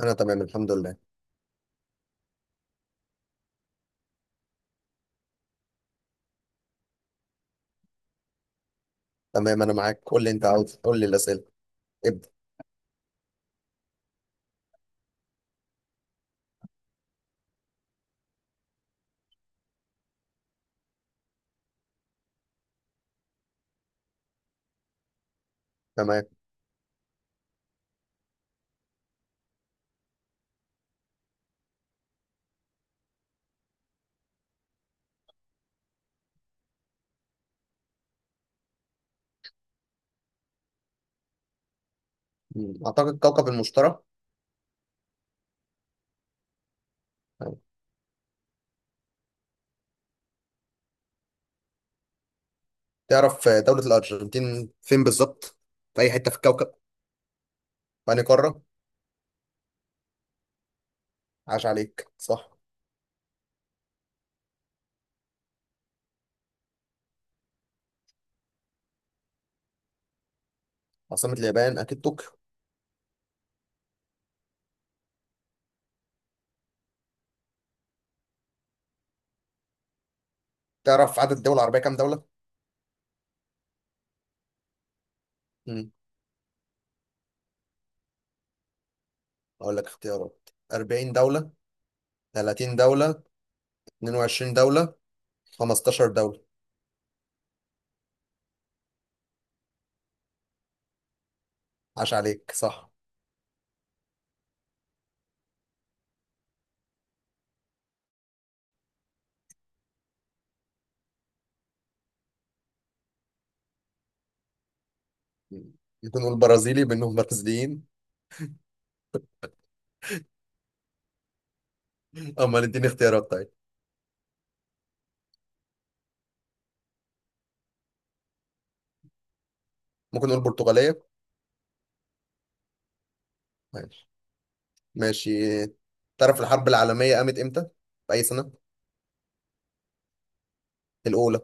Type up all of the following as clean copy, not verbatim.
انا تمام الحمد لله. تمام، انا معاك، قول لي انت عاوز، قول لي الاسئله. ابدا. تمام. اعتقد كوكب المشتري. تمام. تعرف دولة الارجنتين فين بالظبط؟ في اي حته في الكوكب؟ في أنهي قاره؟ عاش عليك، صح. عاصمة اليابان اكيد طوكيو. تعرف عدد الدول العربيه كام دوله؟ مم. اقول لك اختيارات: 40 دوله، 30 دوله، 22 دوله، 15 دوله. عاش عليك، صح. مم. ممكن نقول برازيلي، بانهم برازيليين. امال اديني اختيارات طيب. ممكن نقول برتغاليه. ماشي. ماشي، تعرف الحرب العالمية قامت امتى؟ في أي سنة؟ الأولى.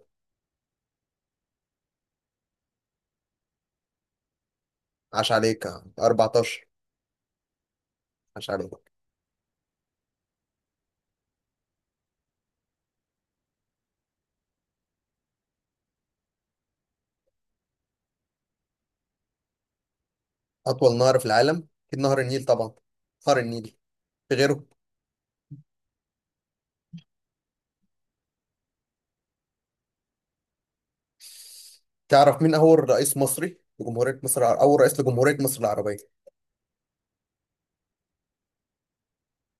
عاش عليك. 14. عاش عليك. أطول نهر في العالم؟ أكيد نهر النيل طبعا. نهر النيل. في غيره؟ تعرف مين أول رئيس مصري لجمهورية مصر الع- أول رئيس لجمهورية مصر العربية؟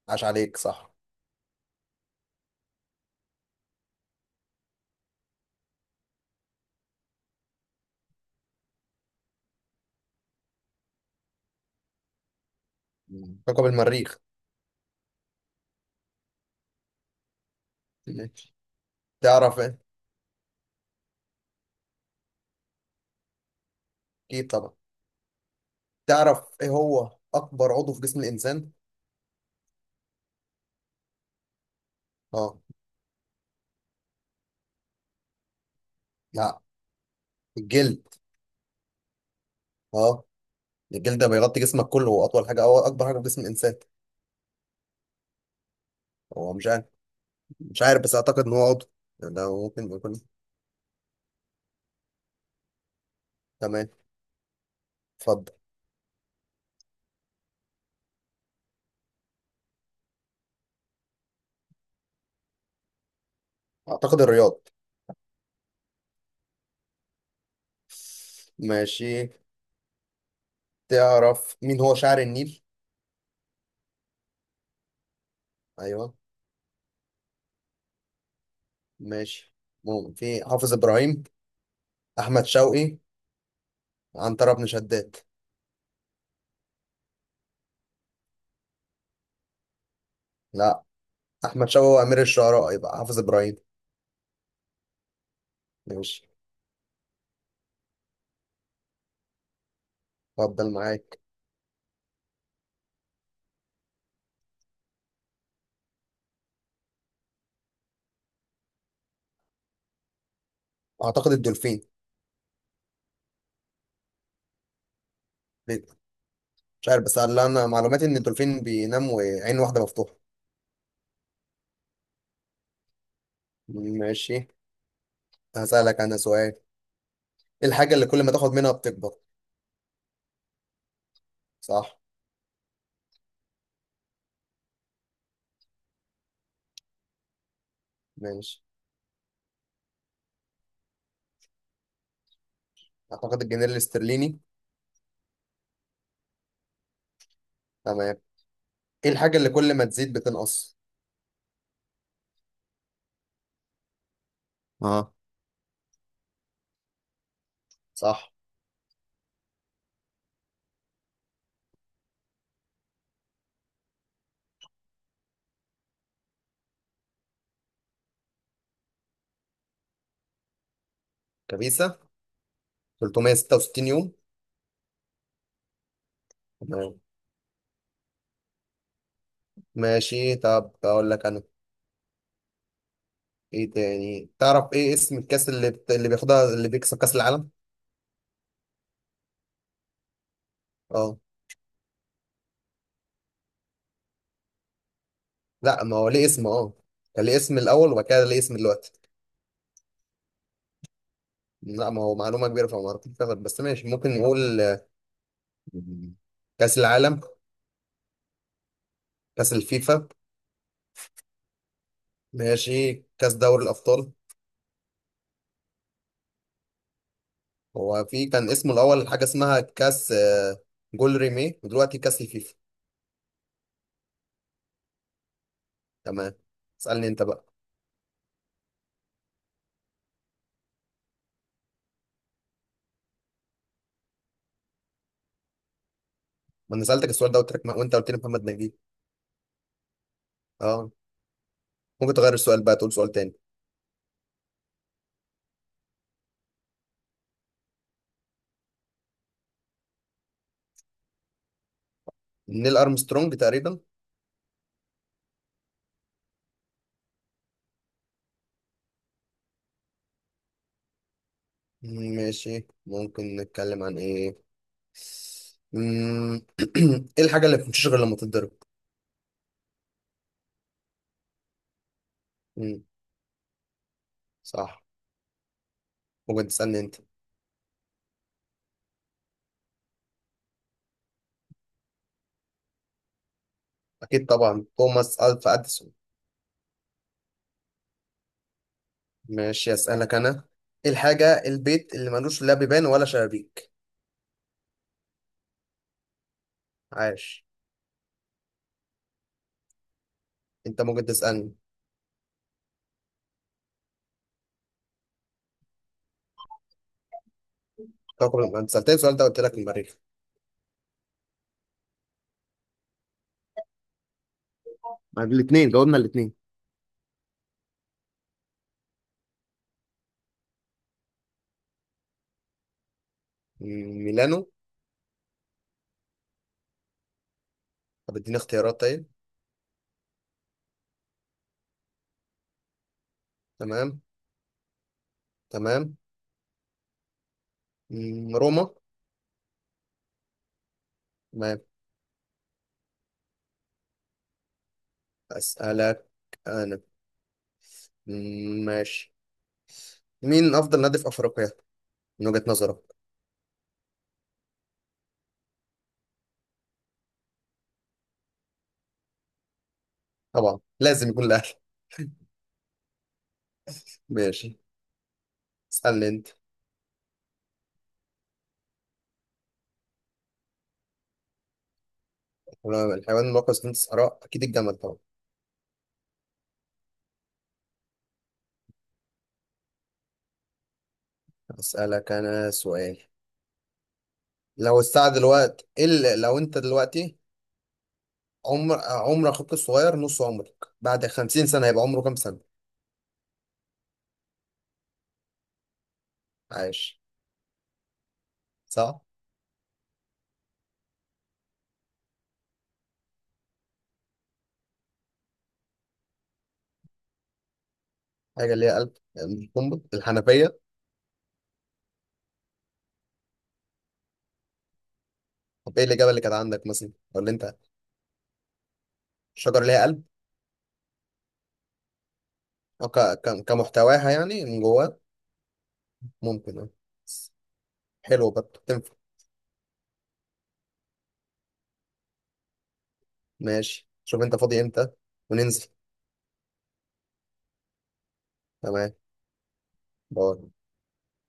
عاش عليك، صح. كوكب المريخ. ماشي. تعرف إيه؟ أكيد طبعا. تعرف إيه هو أكبر عضو في جسم الإنسان؟ أه. لا. الجلد. أه. الجلد ده بيغطي جسمك كله، وأطول حاجة أو أكبر حاجة في جسم الإنسان. هو مش عارف. مش عارف، بس اعتقد ان هو عضو، يعني ده ممكن يكون. تمام. اتفضل. اعتقد الرياض. ماشي. تعرف مين هو شاعر النيل؟ ايوه. ماشي، ممكن في حافظ ابراهيم، احمد شوقي، عنترة بن شداد. لا. احمد شوقي هو امير الشعراء، يبقى حافظ ابراهيم. ماشي. اتفضل معاك. اعتقد الدولفين. ليه؟ مش عارف، بس اللي انا معلوماتي ان الدولفين بينام وعين واحده مفتوحه. ماشي. هسألك انا سؤال: ايه الحاجه اللي كل ما تاخد منها بتكبر؟ صح. ماشي. اعتقد الجنيه الاسترليني. تمام. ايه الحاجه اللي كل ما تزيد بتنقص؟ اه. صح. كبيسه. 366 يوم. تمام. ماشي، طب اقول لك انا. ايه تاني؟ تعرف ايه اسم الكاس اللي اللي بياخدها، اللي بيكسب كاس العالم؟ اه. لا، ما هو ليه اسم. اه. كان ليه اسم الاول، وبعد كده ليه اسم دلوقتي. لا، ما هو معلومه كبيره فما اعرفش تاخد، بس ماشي، ممكن نقول كاس العالم، كاس الفيفا. ماشي، كاس دوري الابطال. هو في كان اسمه الأول حاجة اسمها كاس جول ريمي، ودلوقتي كاس الفيفا. تمام. اسألني أنت بقى. ما أنا سألتك السؤال ده وترك، وأنت قلت لي محمد نجيب. أه. ممكن تغير السؤال بقى، تقول سؤال تاني. نيل أرمسترونج تقريبا. ماشي. ممكن نتكلم عن إيه؟ مم، إيه الحاجة اللي ما بتمشيش غير لما تتضرب؟ مم، صح. ممكن تسألني أنت. أكيد طبعا، توماس ألفا أديسون. ماشي، أسألك أنا. إيه الحاجة البيت اللي ملوش لا بيبان ولا شبابيك؟ عاش. انت ممكن تسالني. انت سالتني السؤال ده، قلت لك المريخ. الاثنين، جاوبنا الاثنين. ميلانو. طب اديني اختيارات طيب. تمام. تمام. روما. تمام. اسالك انا. مم، ماشي. مين افضل نادي في افريقيا من وجهة نظرك؟ طبعا لازم يكون الاهلي. ماشي. اسالني انت. الحيوان المركز في الصحراء اكيد الجمل طبعا. اسالك انا سؤال: لو الساعه دلوقتي لو انت دلوقتي، عمر اخوك الصغير نص عمرك، بعد 50 سنه هيبقى عمره كام سنة؟ عايش. صح. حاجة ليها قلب: القنبل، الحنفية. طب ايه الإجابة اللي كانت عندك مثلا، أو اللي أنت؟ شجر ليها قلب. أو كمحتواها يعني، من جواه. ممكن أه. حلو، برضه تنفع. ماشي، شوف أنت فاضي إمتى وننزل. تمام. باي.